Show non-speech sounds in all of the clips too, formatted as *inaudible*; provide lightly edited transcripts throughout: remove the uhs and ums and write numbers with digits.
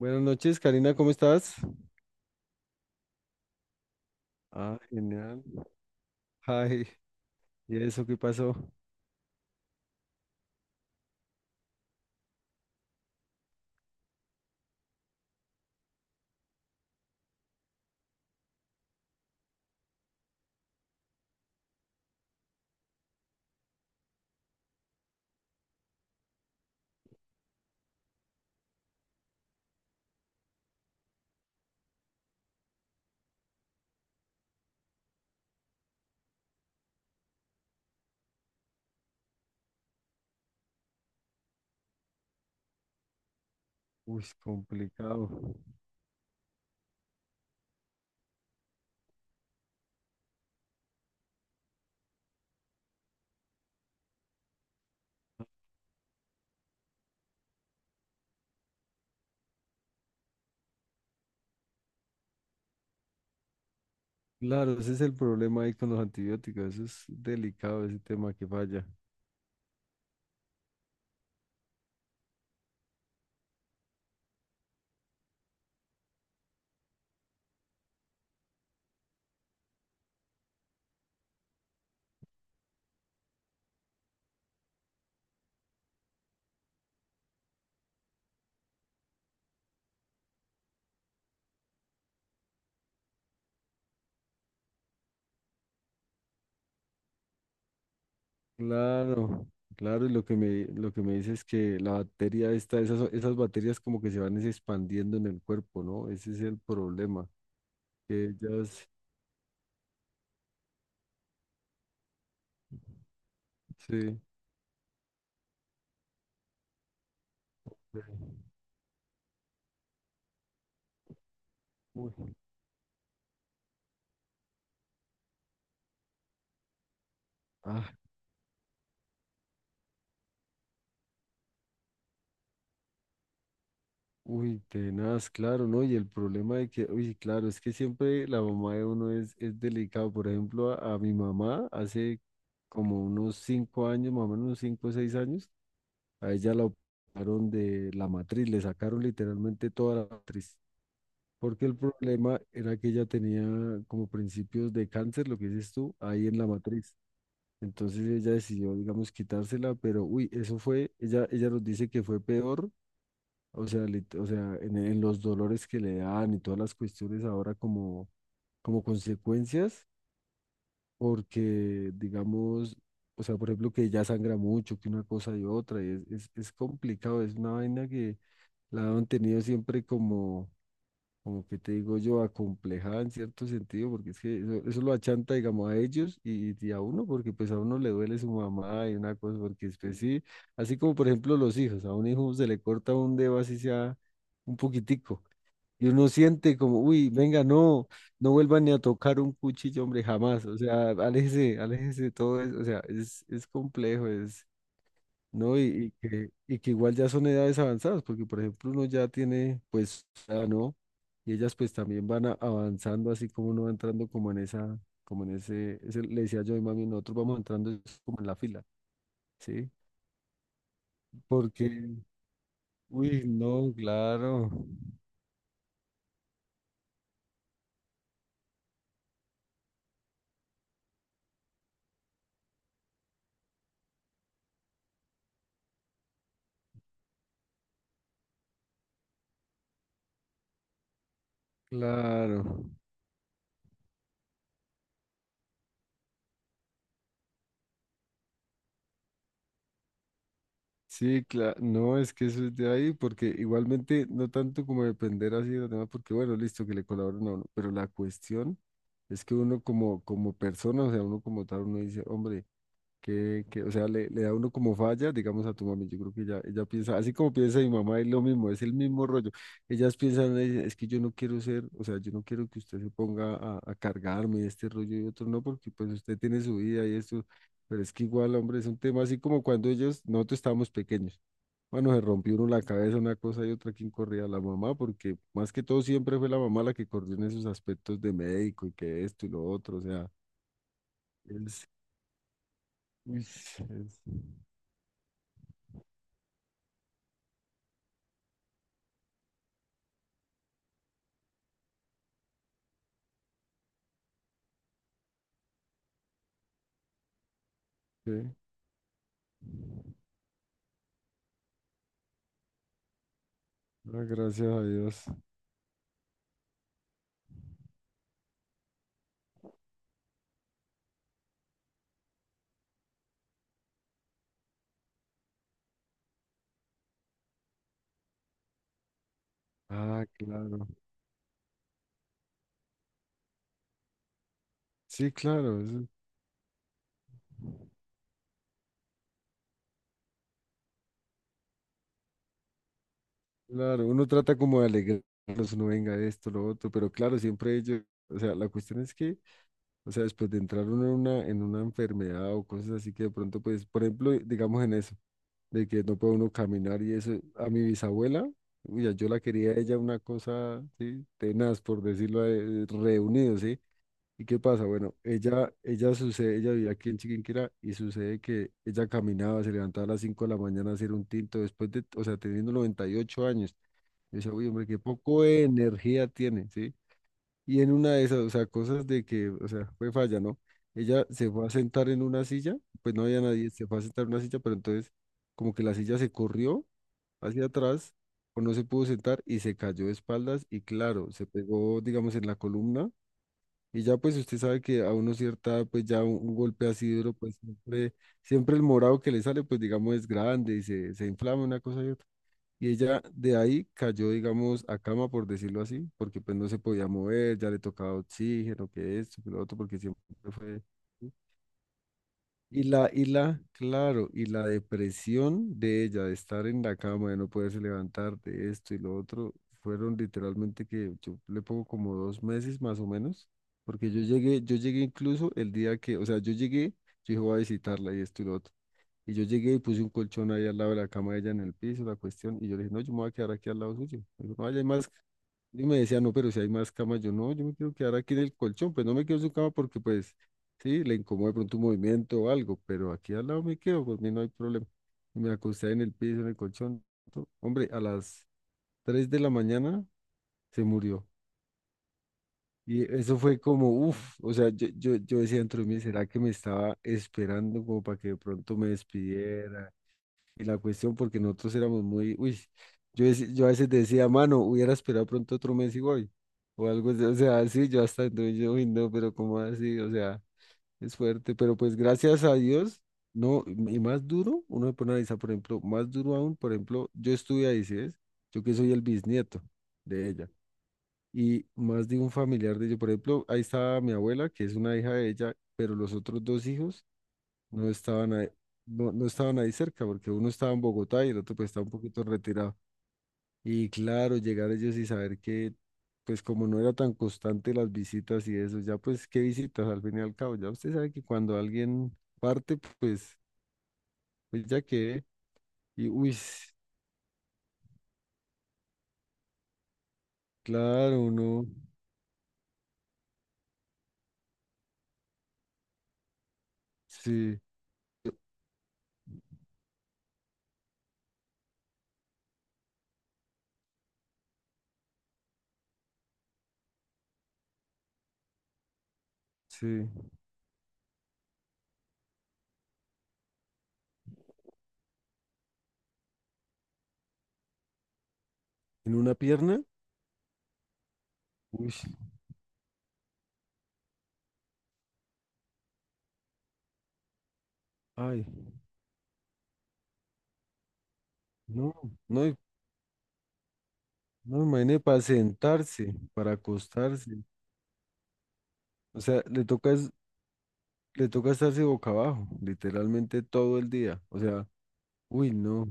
Buenas noches, Karina, ¿cómo estás? Ah, genial. Ay, ¿y eso qué pasó? Uy, complicado. Claro, ese es el problema ahí con los antibióticos, eso es delicado ese tema que falla. Claro, claro, y lo que me dice es que la bacteria esta, esas bacterias como que se van es expandiendo en el cuerpo, ¿no? Ese es el problema, que ellas, sí. Sí. Uy, ah, uy, tenaz, claro, ¿no? Y el problema de que, uy, claro, es que siempre la mamá de uno es delicado. Por ejemplo, a mi mamá hace como unos cinco años, más o menos unos cinco o seis años, a ella la operaron de la matriz, le sacaron literalmente toda la matriz. Porque el problema era que ella tenía como principios de cáncer, lo que dices tú, ahí en la matriz. Entonces ella decidió, digamos, quitársela, pero uy, eso fue, ella nos dice que fue peor, o sea, o sea, en los dolores que le dan y todas las cuestiones ahora como, como consecuencias, porque digamos, o sea, por ejemplo, que ya sangra mucho, que una cosa y otra, y es complicado, es una vaina que la han tenido siempre como, como que te digo yo, acomplejada en cierto sentido, porque es que eso lo achanta, digamos, a ellos y a uno, porque pues a uno le duele su mamá y una cosa, porque después sí, así como por ejemplo los hijos, a un hijo se le corta un dedo así sea un poquitico. Y uno siente como, uy, venga, no, no vuelvan ni a tocar un cuchillo, hombre, jamás. O sea, aléjese, aléjese de todo eso. O sea, es complejo, es, ¿no? Y que igual ya son edades avanzadas, porque por ejemplo uno ya tiene, pues, ya ¿no? Y ellas pues también avanzando, así como uno va entrando como en esa, como en ese, le decía yo a mi mami, nosotros vamos entrando es como en la fila, ¿sí? Porque, uy, no, claro, claro. Sí, claro, no, es que eso es de ahí, porque igualmente no tanto como depender así de los demás, porque bueno, listo, que le colaboren a uno, pero la cuestión es que uno como, como persona, o sea, uno como tal, uno dice, hombre, o sea, le da uno como falla, digamos, a tu mami. Yo creo que ella piensa, así como piensa mi mamá, es lo mismo, es el mismo rollo. Ellas piensan, "Ay, es que yo no quiero ser, o sea, yo no quiero que usted se ponga a cargarme este rollo y otro, no, porque pues usted tiene su vida y esto, pero es que igual, hombre, es un tema así como cuando ellos, nosotros estábamos pequeños. Bueno, se rompió uno la cabeza, una cosa y otra, ¿quién corría? La mamá, porque más que todo siempre fue la mamá la que corrió en esos aspectos de médico y que esto y lo otro, o sea, es, uy, sí. Ah, gracias a Dios. Ah, claro. Sí, claro, eso, claro. Uno trata como de alegrarlos, uno venga esto, lo otro, pero claro, siempre ellos, o sea, la cuestión es que, o sea, después de entrar uno en una enfermedad o cosas así que de pronto, pues, por ejemplo, digamos en eso, de que no puede uno caminar y eso, a mi bisabuela, uy, yo la quería a ella una cosa, sí, tenaz, por decirlo, reunido, sí. ¿Y qué pasa? Bueno, ella sucede, ella vivía aquí en Chiquinquirá y sucede que ella caminaba, se levantaba a las 5 de la mañana a hacer un tinto después de, o sea, teniendo 98 años. Yo decía, uy, hombre, qué poco de energía tiene, ¿sí? Y en una de esas, o sea, cosas de que, o sea, fue falla, ¿no? Ella se fue a sentar en una silla, pues no había nadie, se fue a sentar en una silla, pero entonces como que la silla se corrió hacia atrás o no se pudo sentar y se cayó de espaldas y claro, se pegó, digamos, en la columna y ya pues usted sabe que a uno cierta, pues ya un golpe así duro, pues siempre, siempre el morado que le sale, pues digamos es grande y se inflama una cosa y otra. Y ella de ahí cayó, digamos, a cama, por decirlo así, porque pues no se podía mover, ya le tocaba oxígeno, que esto, que lo otro, porque siempre fue... y la, claro, y la depresión de ella, de estar en la cama, de no poderse levantar, de esto y lo otro, fueron literalmente que yo le pongo como dos meses más o menos, porque yo llegué incluso el día que, o sea, yo llegué, yo dije, voy a visitarla y esto y lo otro. Y yo llegué y puse un colchón ahí al lado de la cama de ella en el piso, la cuestión. Y yo le dije, no, yo me voy a quedar aquí al lado suyo. Me dijo, no, allá hay más. Y me decía, no, pero si hay más camas, yo no, yo me quiero quedar aquí en el colchón, pues no me quedo en su cama porque pues sí, le incomoda de pronto un movimiento o algo, pero aquí al lado me quedo, por mí no hay problema. Y me acosté en el piso, en el colchón. Hombre, a las 3 de la mañana se murió. Y eso fue como, uff, o sea, yo decía dentro de mí, ¿será que me estaba esperando como para que de pronto me despidiera? Y la cuestión, porque nosotros éramos muy, uy, yo, yo a veces decía, mano, hubiera esperado pronto otro mes y voy. O algo así, o sea, sí, yo hasta entonces yo, uy, no, pero como así? O sea, es fuerte, pero pues gracias a Dios, no, y más duro, uno se pone a analizar, por ejemplo, más duro aún, por ejemplo, yo estuve ahí, ¿sí ves? Yo que soy el bisnieto de ella, y más de un familiar de ella, por ejemplo, ahí estaba mi abuela, que es una hija de ella, pero los otros dos hijos no estaban ahí, no, no estaban ahí cerca, porque uno estaba en Bogotá y el otro pues estaba un poquito retirado. Y claro, llegar ellos y saber que, pues como no era tan constante las visitas y eso, ya pues qué visitas al fin y al cabo, ya usted sabe que cuando alguien parte, pues, pues ya que, y uy, claro, uno, sí, sí, en una pierna, uy, ay, no, no, no, imagínese para sentarse, para acostarse. O sea, le toca es le toca estarse boca abajo, literalmente todo el día. O sea, uy, no.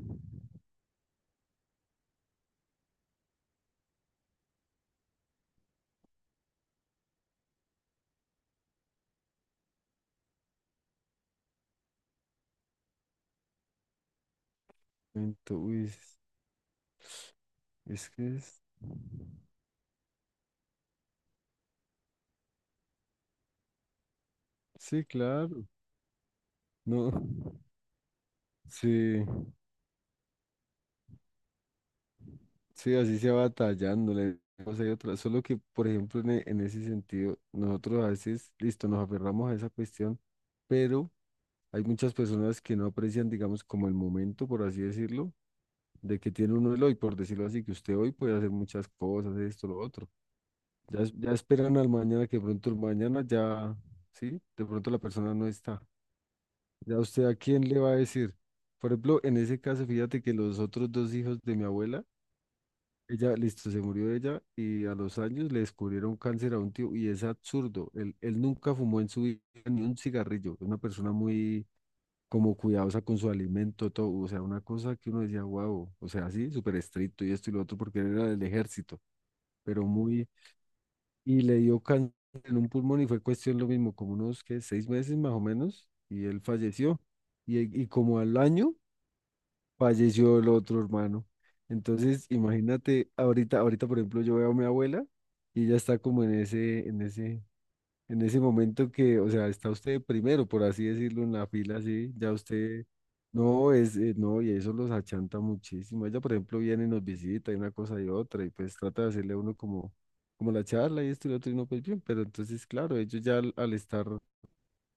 Uy, es que es. Sí, claro. No. *laughs* Sí, sí, así se va batallándole. O sea, y otra. Solo que, por ejemplo, en, en ese sentido, nosotros a veces, listo, nos aferramos a esa cuestión, pero hay muchas personas que no aprecian, digamos, como el momento, por así decirlo, de que tiene uno el hoy, por decirlo así, que usted hoy puede hacer muchas cosas, esto, lo otro. Ya, ya esperan al mañana, que de pronto el mañana ya, ¿sí? De pronto la persona no está. Ya usted a quién le va a decir. Por ejemplo, en ese caso, fíjate que los otros dos hijos de mi abuela, ella, listo, se murió ella y a los años le descubrieron cáncer a un tío y es absurdo. Él nunca fumó en su vida ni un cigarrillo. Es una persona muy como cuidadosa con su alimento, todo. O sea, una cosa que uno decía, wow, o sea, así, súper estricto y esto y lo otro porque él era del ejército, pero muy y le dio cáncer en un pulmón y fue cuestión lo mismo, como unos que seis meses más o menos, y él falleció. Y como al año falleció el otro hermano. Entonces, imagínate, ahorita, ahorita, por ejemplo, yo veo a mi abuela y ella está como en ese momento que, o sea, está usted primero, por así decirlo, en la fila, sí, ya usted, no, es, no, y eso los achanta muchísimo. Ella, por ejemplo, viene y nos visita y una cosa y otra, y pues trata de hacerle a uno como, como la charla y esto y lo otro, y no, pues bien, pero entonces, claro, ellos ya al estar, por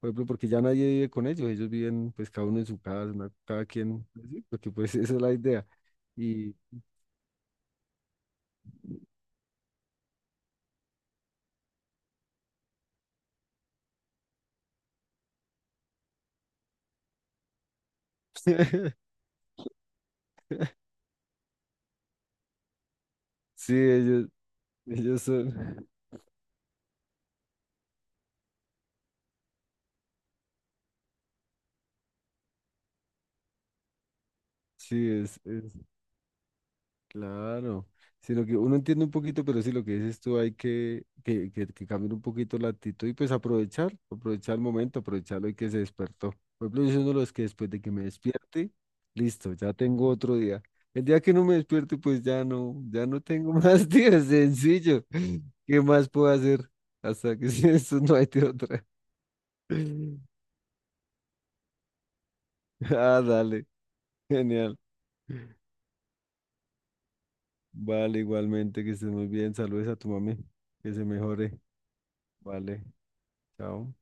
ejemplo, porque ya nadie vive con ellos, ellos viven, pues, cada uno en su casa, una- cada quien, pues, sí, porque pues *laughs* esa es la idea. Y *laughs* sí, ellos son, sí, es, es. Claro, sino que uno entiende un poquito, pero sí lo que dices tú, hay que cambiar un poquito la actitud y pues aprovechar, aprovechar el momento, aprovechar hoy que se despertó. Por ejemplo, yo soy uno de los que después de que me despierte, listo, ya tengo otro día. El día que no me despierte, pues ya no, ya no tengo *laughs* más días, sencillo. ¿Qué más puedo hacer? Hasta que *laughs* si eso no hay de otra. *laughs* Ah, dale, genial. Vale, igualmente, que estés muy bien. Saludes a tu mami, que se mejore. Vale. Chao.